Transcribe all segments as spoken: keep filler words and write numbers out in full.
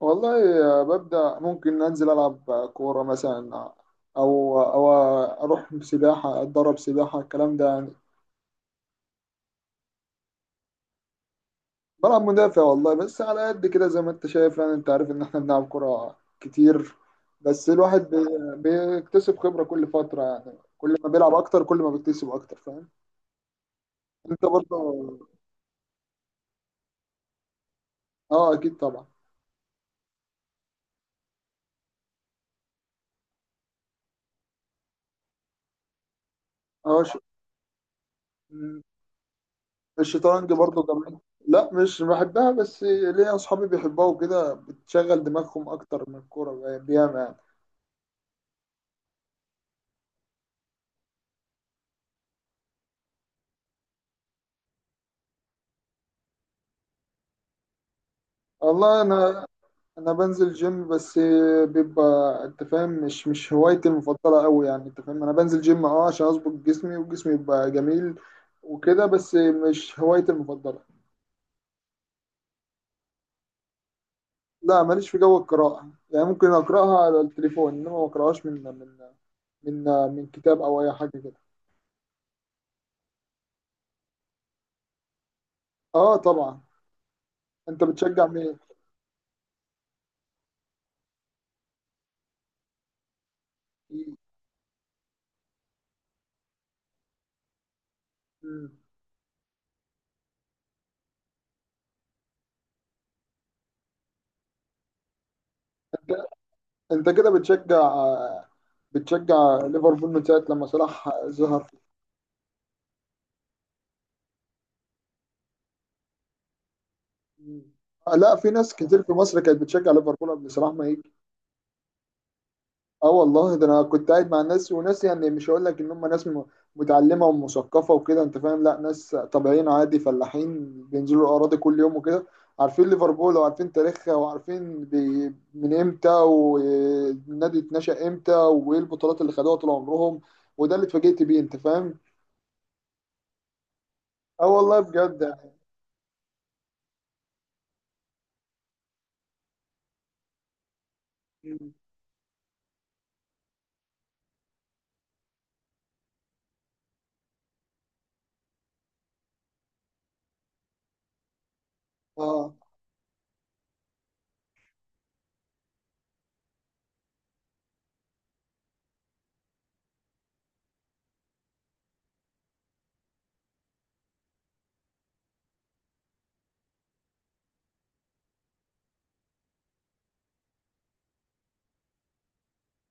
والله، ببدأ ممكن أنزل ألعب كورة مثلا، أو أو أروح سباحة أتدرب سباحة، الكلام ده يعني. بلعب مدافع والله، بس على قد كده زي ما أنت شايف، يعني أنت عارف إن إحنا بنلعب كورة كتير. بس الواحد بي- بيكتسب خبرة كل فترة، يعني كل ما بيلعب أكتر كل ما بيكتسب أكتر، فاهم؟ أنت برضه؟ أه أكيد طبعا. أه ش... الشطرنج برضه جميل. لا مش بحبها، بس ليا اصحابي بيحبوها وكده، بتشغل دماغهم اكتر من الكوره يعني، بياما يعني. والله انا انا بنزل جيم بس، بيبقى انت فاهم، مش مش هوايتي المفضله قوي، يعني انت فاهم، انا بنزل جيم اه عشان اظبط جسمي وجسمي يبقى جميل وكده، بس مش هوايتي المفضله. لا ماليش في جو القراءه، يعني ممكن اقراها على التليفون، انما ما اقراهاش من من من من كتاب او اي حاجه كده. اه طبعا. انت بتشجع مين؟ انت كده بتشجع بتشجع ليفربول من ساعه لما صلاح ظهر؟ لا، في ناس كتير في مصر كانت بتشجع ليفربول قبل صلاح ما يجي. اه والله، ده انا كنت قاعد مع ناس وناس، يعني مش هقول لك ان هم ناس م- متعلمه ومثقفه وكده انت فاهم، لا ناس طبيعيين عادي، فلاحين بينزلوا الاراضي كل يوم وكده، عارفين ليفربول وعارفين تاريخها وعارفين بي- من امتى والنادي اتنشأ امتى وايه البطولات اللي خدوها طول عمرهم، وده اللي اتفاجئت بيه انت فاهم. اه والله بجد. يعني. اه.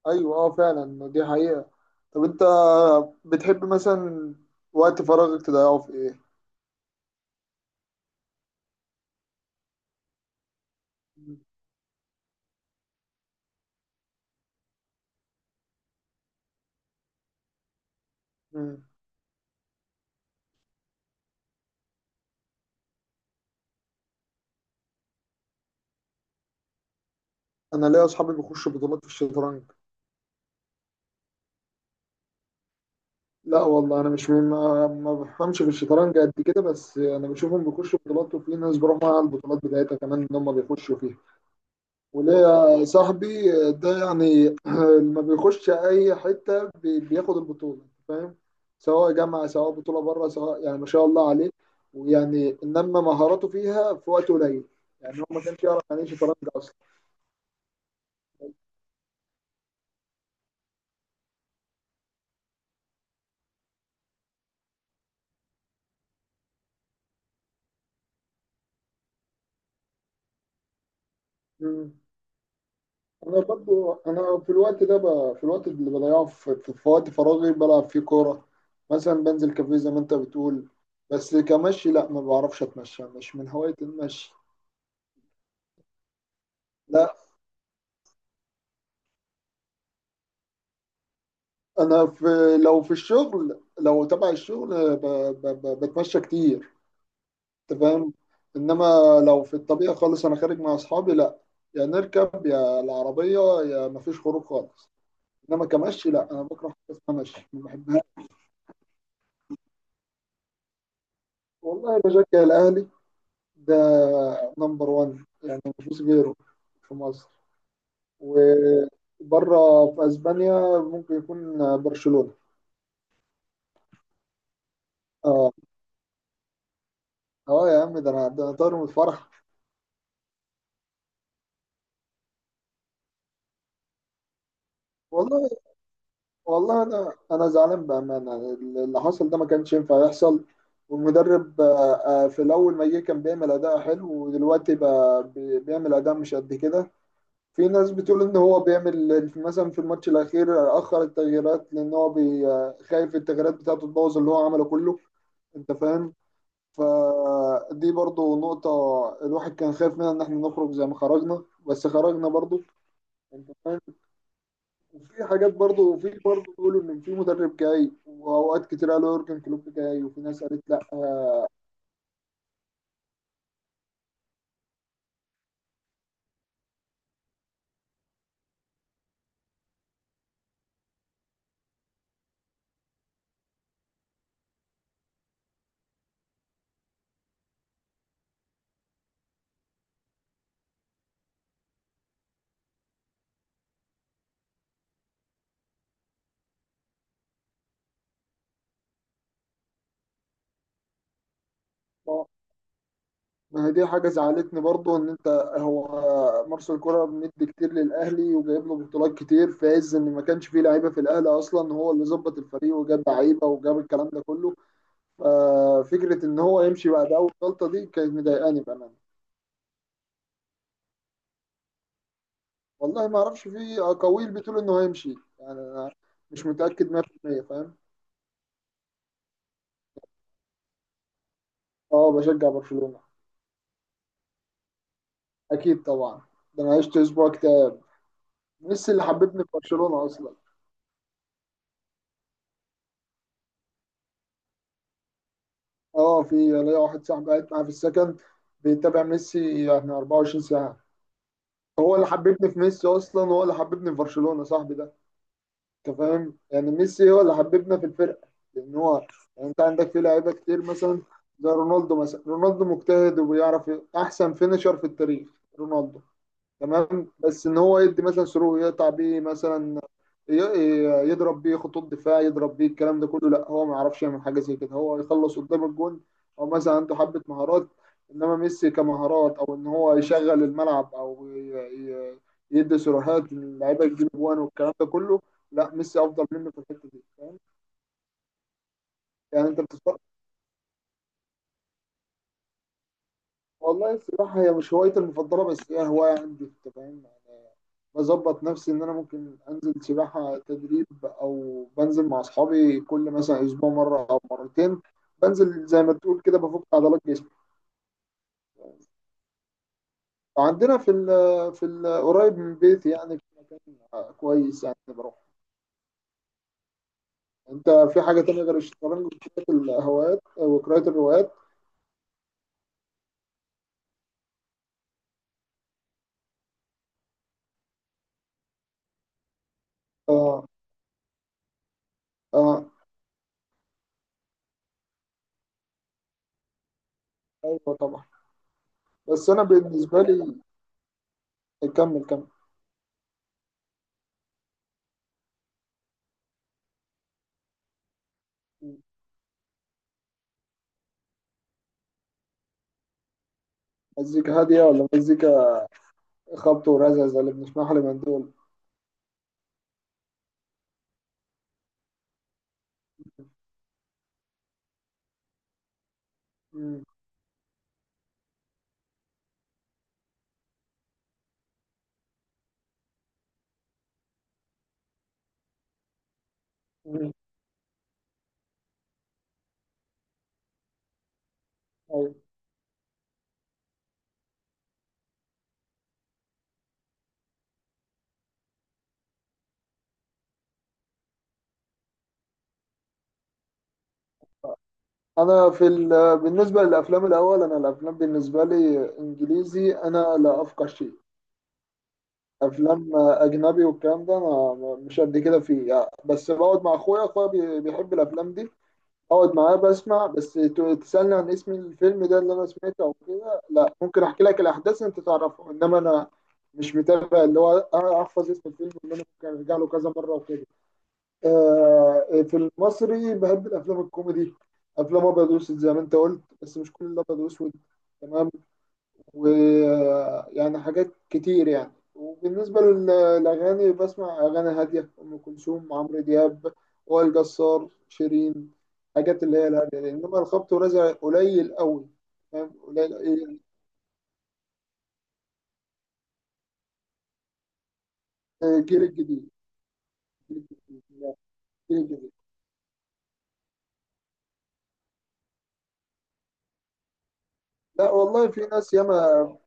ايوه اه فعلا، دي حقيقة. طب انت بتحب مثلا وقت فراغك تضيعه في ايه؟ مم. انا ليا اصحابي بيخشوا بطولات في الشطرنج. لا والله انا مش ما, ما بفهمش في الشطرنج قد كده، بس انا بشوفهم بيخشوا بطولات، وفي ناس بروح معاها البطولات بتاعتها كمان ان هم بيخشوا فيها. وليا صاحبي ده يعني ما بيخش اي حته بي- بياخد البطوله، أنت فاهم، سواء جامعه سواء بطوله بره سواء، يعني ما شاء الله عليه. ويعني انما مهاراته فيها في وقت قليل، يعني هو ما كانش يعرف يعني ايه شطرنج اصلا. مم. انا برضو، انا في الوقت ده ب... في الوقت اللي بضيعه في... في... في وقت فراغي بلعب فيه كوره. مثلا بنزل كافيه زي ما انت بتقول، بس كمشي لا، ما بعرفش اتمشى، مش من هوايه المشي. لا انا في لو في الشغل، لو تبع الشغل ب... ب... ب... بتمشى كتير، انت فاهم. انما لو في الطبيعة خالص انا خارج مع اصحابي، لا، يا نركب يا العربية، يا مفيش خروج خالص. انما كمشي لا، انا بكره حاجة اسمها مشي، ما بحبهاش. والله بشجع الاهلي، ده نمبر واحد يعني مفيش غيره في مصر. وبره في اسبانيا ممكن يكون برشلونة. اه. اه يا عم، ده انا ده انا طاير من الفرح. والله والله انا انا زعلان بامانه. اللي حصل ده ما كانش ينفع يحصل. والمدرب، آه، آه، في الاول ما جه كان بيعمل اداء حلو، ودلوقتي بقى بي- بيعمل اداء مش قد كده. في ناس بتقول ان هو بيعمل مثلا في الماتش الاخير اخر التغييرات لان هو بي- آه، خايف التغييرات بتاعته تبوظ اللي هو عمله كله، انت فاهم. فدي برضو نقطة الواحد كان خايف منها، ان احنا نخرج زي ما خرجنا، بس خرجنا برضو، انت فاهم. وفي حاجات برضه، وفي برضه بيقولوا ان في مدرب جاي، واوقات كتير قالوا يورجن كلوب جاي، وفي ناس قالت لا. ما هي دي حاجه زعلتني برضه، ان انت، هو مارسيل كولر مدي كتير للاهلي، وجايب له بطولات كتير في عز ان ما كانش فيه لعيبه في الاهلي اصلا، هو اللي ظبط الفريق وجاب لعيبه وجاب الكلام ده كله. آه، فكره ان هو يمشي بعد اول غلطه دي كانت مضايقاني بامانه. والله ما اعرفش، في اقاويل بتقول انه هيمشي، يعني انا مش متاكد مية في المية فاهم. اه بشجع برشلونه. اكيد طبعا، ده انا عشت اسبوع كتير، ميسي اللي حببني في برشلونه اصلا. اه في ليا واحد صاحبي قاعد معاه في السكن، بيتابع ميسي يعني أربعة وعشرين ساعه. هو اللي حببني في ميسي اصلا، هو اللي حببني في برشلونه صاحبي ده، انت فاهم، يعني ميسي هو اللي حببنا في الفرقه. لان هو، يعني انت عندك في لعيبه كتير مثلا، زي رونالدو مثلا، رونالدو مجتهد وبيعرف ي- احسن فينيشر في التاريخ رونالدو، تمام، بس ان هو يدي مثلا صاروخ يقطع بيه مثلا، ي- ي- يضرب بيه خطوط دفاع، يضرب بيه الكلام ده كله، لا هو ما يعرفش يعمل حاجه زي كده، هو يخلص قدام الجون، او مثلا عنده حبه مهارات. انما ميسي، كمهارات او ان هو يشغل الملعب او ي- ي- يدي صراحات للعيبه تجيب جوان والكلام ده كله، لا ميسي افضل منه في الحته دي، فاهم؟ يعني انت بتتفرج. والله السباحه هي مش هوايتي المفضله، بس هي هوايه عندي انت فاهم، بظبط نفسي ان انا ممكن انزل سباحة تدريب او بنزل مع اصحابي كل مثلا اسبوع مرة او مرتين، بنزل زي ما تقول كده بفك عضلات جسمي. عندنا في ال في ال قريب من بيتي، يعني في مكان كويس يعني، بروح. انت في حاجة تانية غير الشطرنج وقراءة الهوايات وقراءة الروايات؟ اه. اه. ايوه طبعا. بس انا بالنسبة لي، كمل كمل. مزيكا هادية ولا مزيكا خبط ورزع زي اللي بنسمعها لمن دول؟ مم. مم. أيوة. انا في ال... بالنسبه للافلام الاول، انا الافلام بالنسبه لي انجليزي انا لا افقه شيء، افلام اجنبي والكلام ده، انا مش قد كده فيه يعني، بس بقعد مع اخويا اخويا بي- بيحب الافلام دي، اقعد معاه بسمع، بس ت- تسالني عن اسم الفيلم ده اللي انا سمعته او كده لا، ممكن احكي لك الاحداث انت تعرفها، انما انا مش متابع اللي هو احفظ اسم الفيلم اللي انا ممكن ارجع له كذا مره وكده. آه، في المصري بحب الافلام الكوميدي، افلام ابيض واسود زي ما انت قلت، بس مش كل الابيض واسود، تمام، ويعني حاجات كتير يعني. وبالنسبه لل- للاغاني بسمع اغاني هاديه، ام كلثوم، عمرو دياب، وائل جسار، شيرين، حاجات اللي هي الهاديه دي. انما الخبط والرزع قليل قوي، فاهم قليل إيه. الجيل الجديد. الجيل الجديد لا. الجيل الجديد. لا، والله في ناس ياما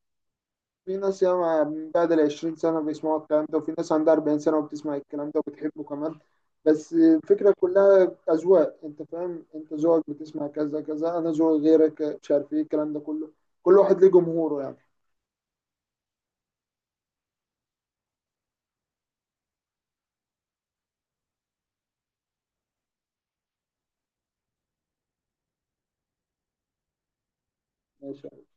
في ناس ياما من بعد ال عشرين سنة بيسمعوا الكلام ده، وفي ناس عندها أربعين سنة وبتسمع الكلام ده وبتحبه كمان. بس الفكرة كلها أذواق، أنت فاهم، أنت ذوقك بتسمع كذا كذا، أنا ذوقي غيرك، مش عارف إيه الكلام ده كله، كل واحد ليه جمهوره يعني. ماشي.